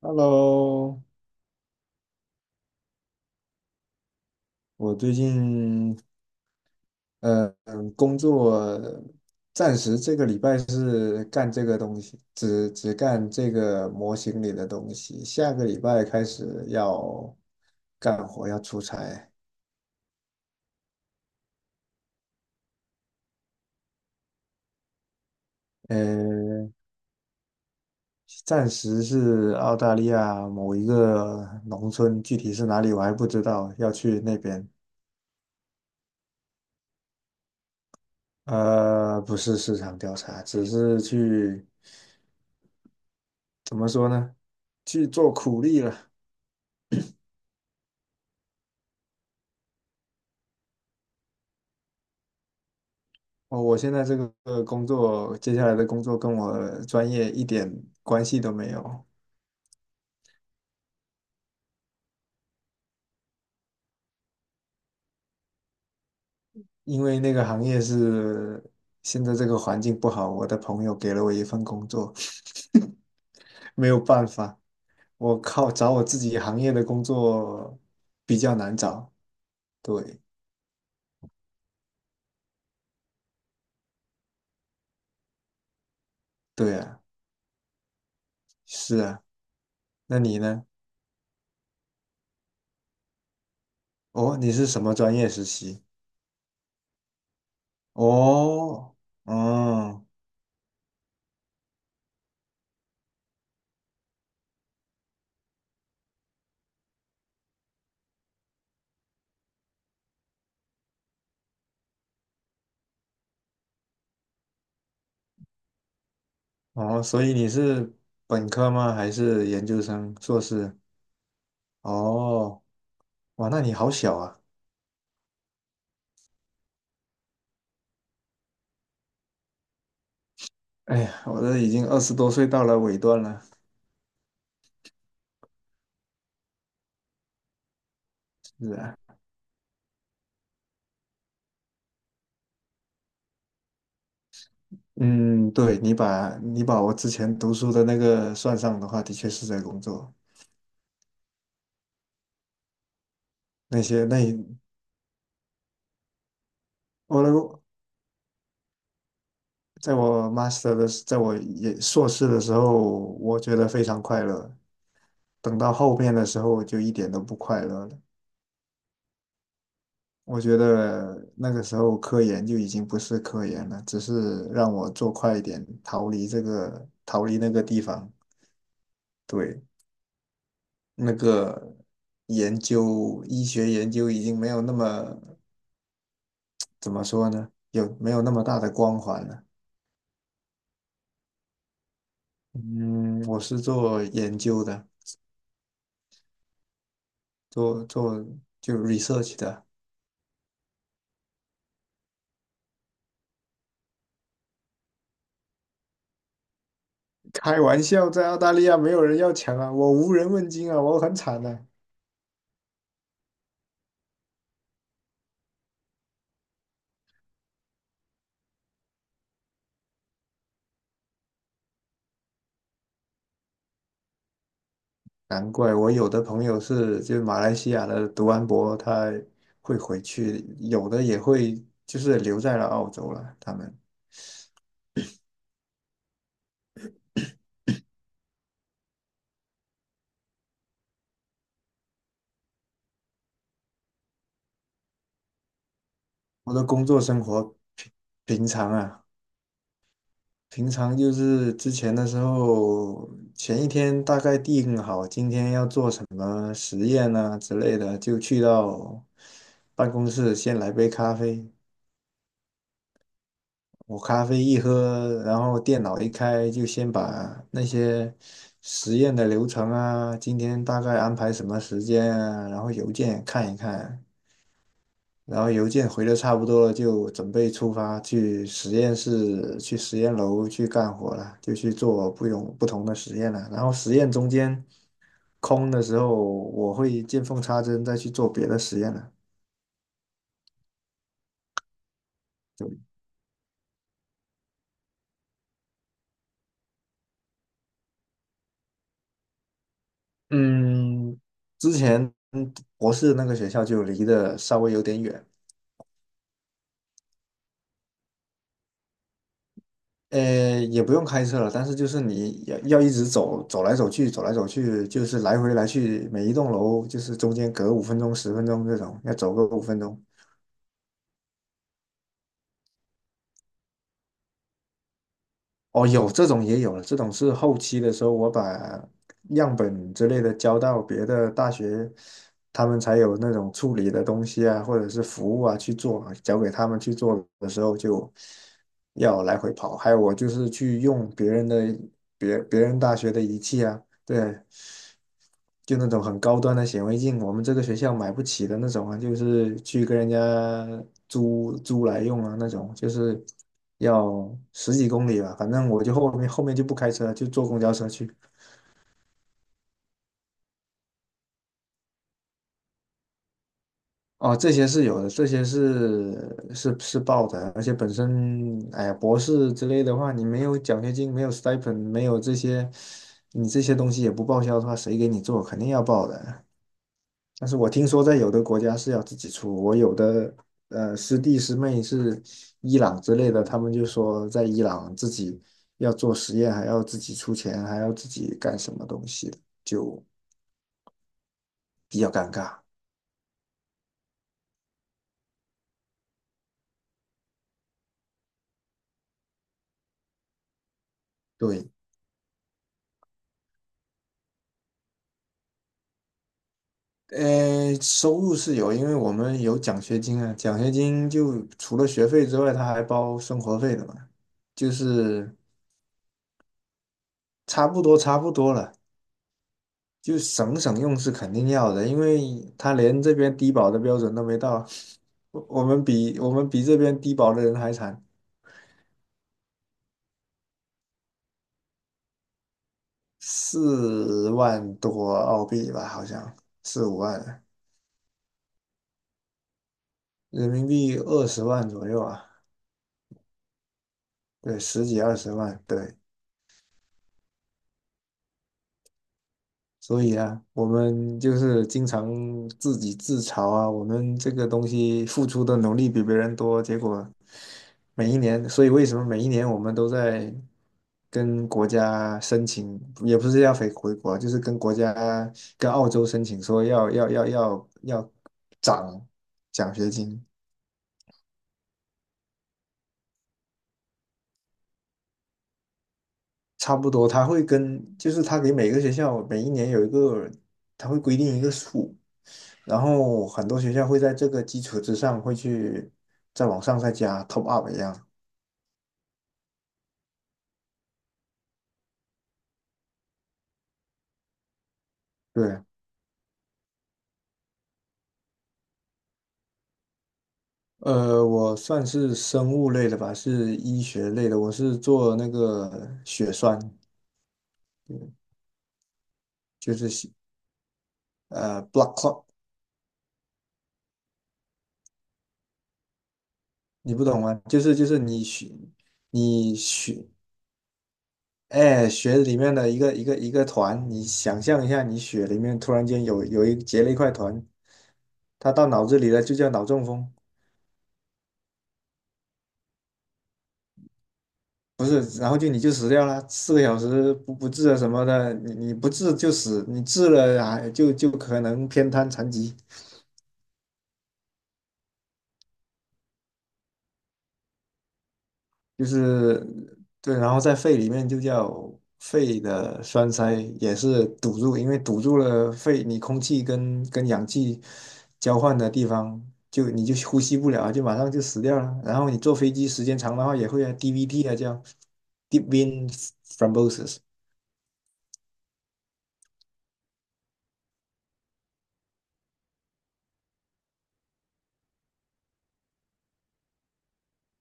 Hello，我最近工作暂时这个礼拜是干这个东西，只干这个模型里的东西。下个礼拜开始要干活，要出差。呃，暂时是澳大利亚某一个农村，具体是哪里我还不知道，要去那边。不是市场调查，只是去怎么说呢？去做苦力了。哦，我现在这个工作，接下来的工作跟我专业一点关系都没有，因为那个行业是现在这个环境不好，我的朋友给了我一份工作，没有办法，我靠，找我自己行业的工作比较难找。对，对啊，是啊，那你呢？哦，你是什么专业实习？哦，哦，哦，所以你是本科吗？还是研究生、硕士？哦。哇，那你好小啊！哎呀，我都已经二十多岁到了尾端了。是啊，嗯，对，你把我之前读书的那个算上的话，的确是在工作。那些那我能够在我也硕士的时候，我觉得非常快乐。等到后面的时候，我就一点都不快乐了。我觉得那个时候科研就已经不是科研了，只是让我做快一点，逃离这个，逃离那个地方。对。那个研究，医学研究已经没有那么，怎么说呢？有没有那么大的光环了？嗯，我是做研究的，做就 research 的。开玩笑，在澳大利亚没有人要抢啊，我无人问津啊，我很惨啊。难怪我有的朋友是就马来西亚的读完博，他会回去，有的也会就是留在了澳洲了。我的工作生活平平常啊。平常就是之前的时候，前一天大概定好今天要做什么实验啊之类的，就去到办公室先来杯咖啡。我咖啡一喝，然后电脑一开，就先把那些实验的流程啊，今天大概安排什么时间啊，然后邮件看一看，然后邮件回的差不多了，就准备出发去实验室、去实验楼去干活了，就去做不同的实验了。然后实验中间空的时候，我会见缝插针再去做别的实验了。就嗯，之前博士那个学校就离得稍微有点远，也不用开车了，但是就是你要一直走，走来走去，走来走去，就是来回来去，每一栋楼就是中间隔五分钟、10分钟这种，要走个五分钟。哦，有这种也有了，这种是后期的时候，我把样本之类的交到别的大学，他们才有那种处理的东西啊，或者是服务啊去做，交给他们去做的时候就要来回跑。还有我就是去用别人大学的仪器啊，对，就那种很高端的显微镜，我们这个学校买不起的那种啊，就是去跟人家租来用啊，那种就是要十几公里吧，反正我就后面就不开车，就坐公交车去。哦，这些是有的，这些是报的，而且本身，哎呀，博士之类的话，你没有奖学金，没有 stipend，没有这些，你这些东西也不报销的话，谁给你做？肯定要报的。但是我听说在有的国家是要自己出，我有的师弟师妹是伊朗之类的，他们就说在伊朗自己要做实验，还要自己出钱，还要自己干什么东西的，就比较尴尬。对，收入是有，因为我们有奖学金啊，奖学金就除了学费之外，他还包生活费的嘛，就是差不多差不多了。就省省用是肯定要的，因为他连这边低保的标准都没到，我们比这边低保的人还惨，4万多澳币吧，好像四五万人民币二十万左右啊，对，十几二十万，对，所以啊，我们就是经常自己自嘲啊，我们这个东西付出的努力比别人多，结果每一年，所以为什么每一年我们都在跟国家申请，也不是要回国，就是跟国家跟澳洲申请说要涨奖学金，差不多他会跟，就是他给每个学校每一年有一个，他会规定一个数。然后很多学校会在这个基础之上，会去再往上再加 top up 一样。对，我算是生物类的吧，是医学类的，我是做那个血栓，嗯就是blood clot，你不懂吗？就是你血里面的一个一个一个团，你想象一下，你血里面突然间有一结了一块团，它到脑子里了，就叫脑中风。不是，然后就你就死掉了，4个小时不治啊什么的，你不治就死，你治了啊就可能偏瘫残疾，就是对，然后在肺里面就叫肺的栓塞，也是堵住，因为堵住了肺，你空气跟氧气交换的地方，就你就呼吸不了，就马上就死掉了。然后你坐飞机时间长的话，也会啊 DVT 啊叫 deep vein thrombosis。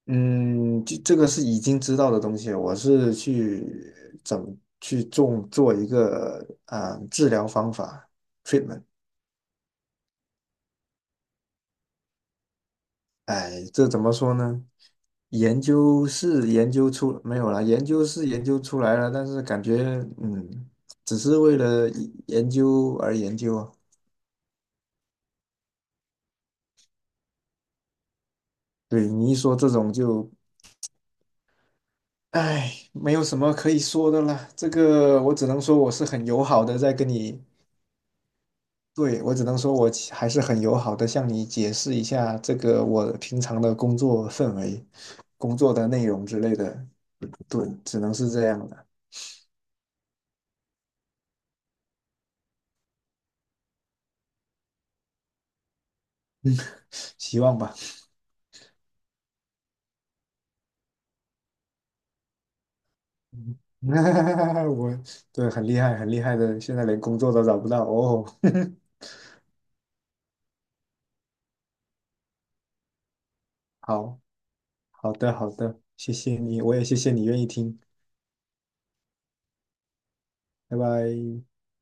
嗯，这个是已经知道的东西，我是去怎么去种做一个啊治疗方法 treatment。哎，这怎么说呢？研究是研究出没有啦，研究是研究出来了，但是感觉嗯，只是为了研究而研究啊。对你一说这种就，哎，没有什么可以说的啦，这个我只能说我是很友好的在跟你。对，我只能说，我其还是很友好的向你解释一下这个我平常的工作氛围、工作的内容之类的。对，只能是这样的，希望吧。嗯 我对，很厉害，很厉害的，现在连工作都找不到哦。好，好的，好的，谢谢你，我也谢谢你愿意听，拜拜。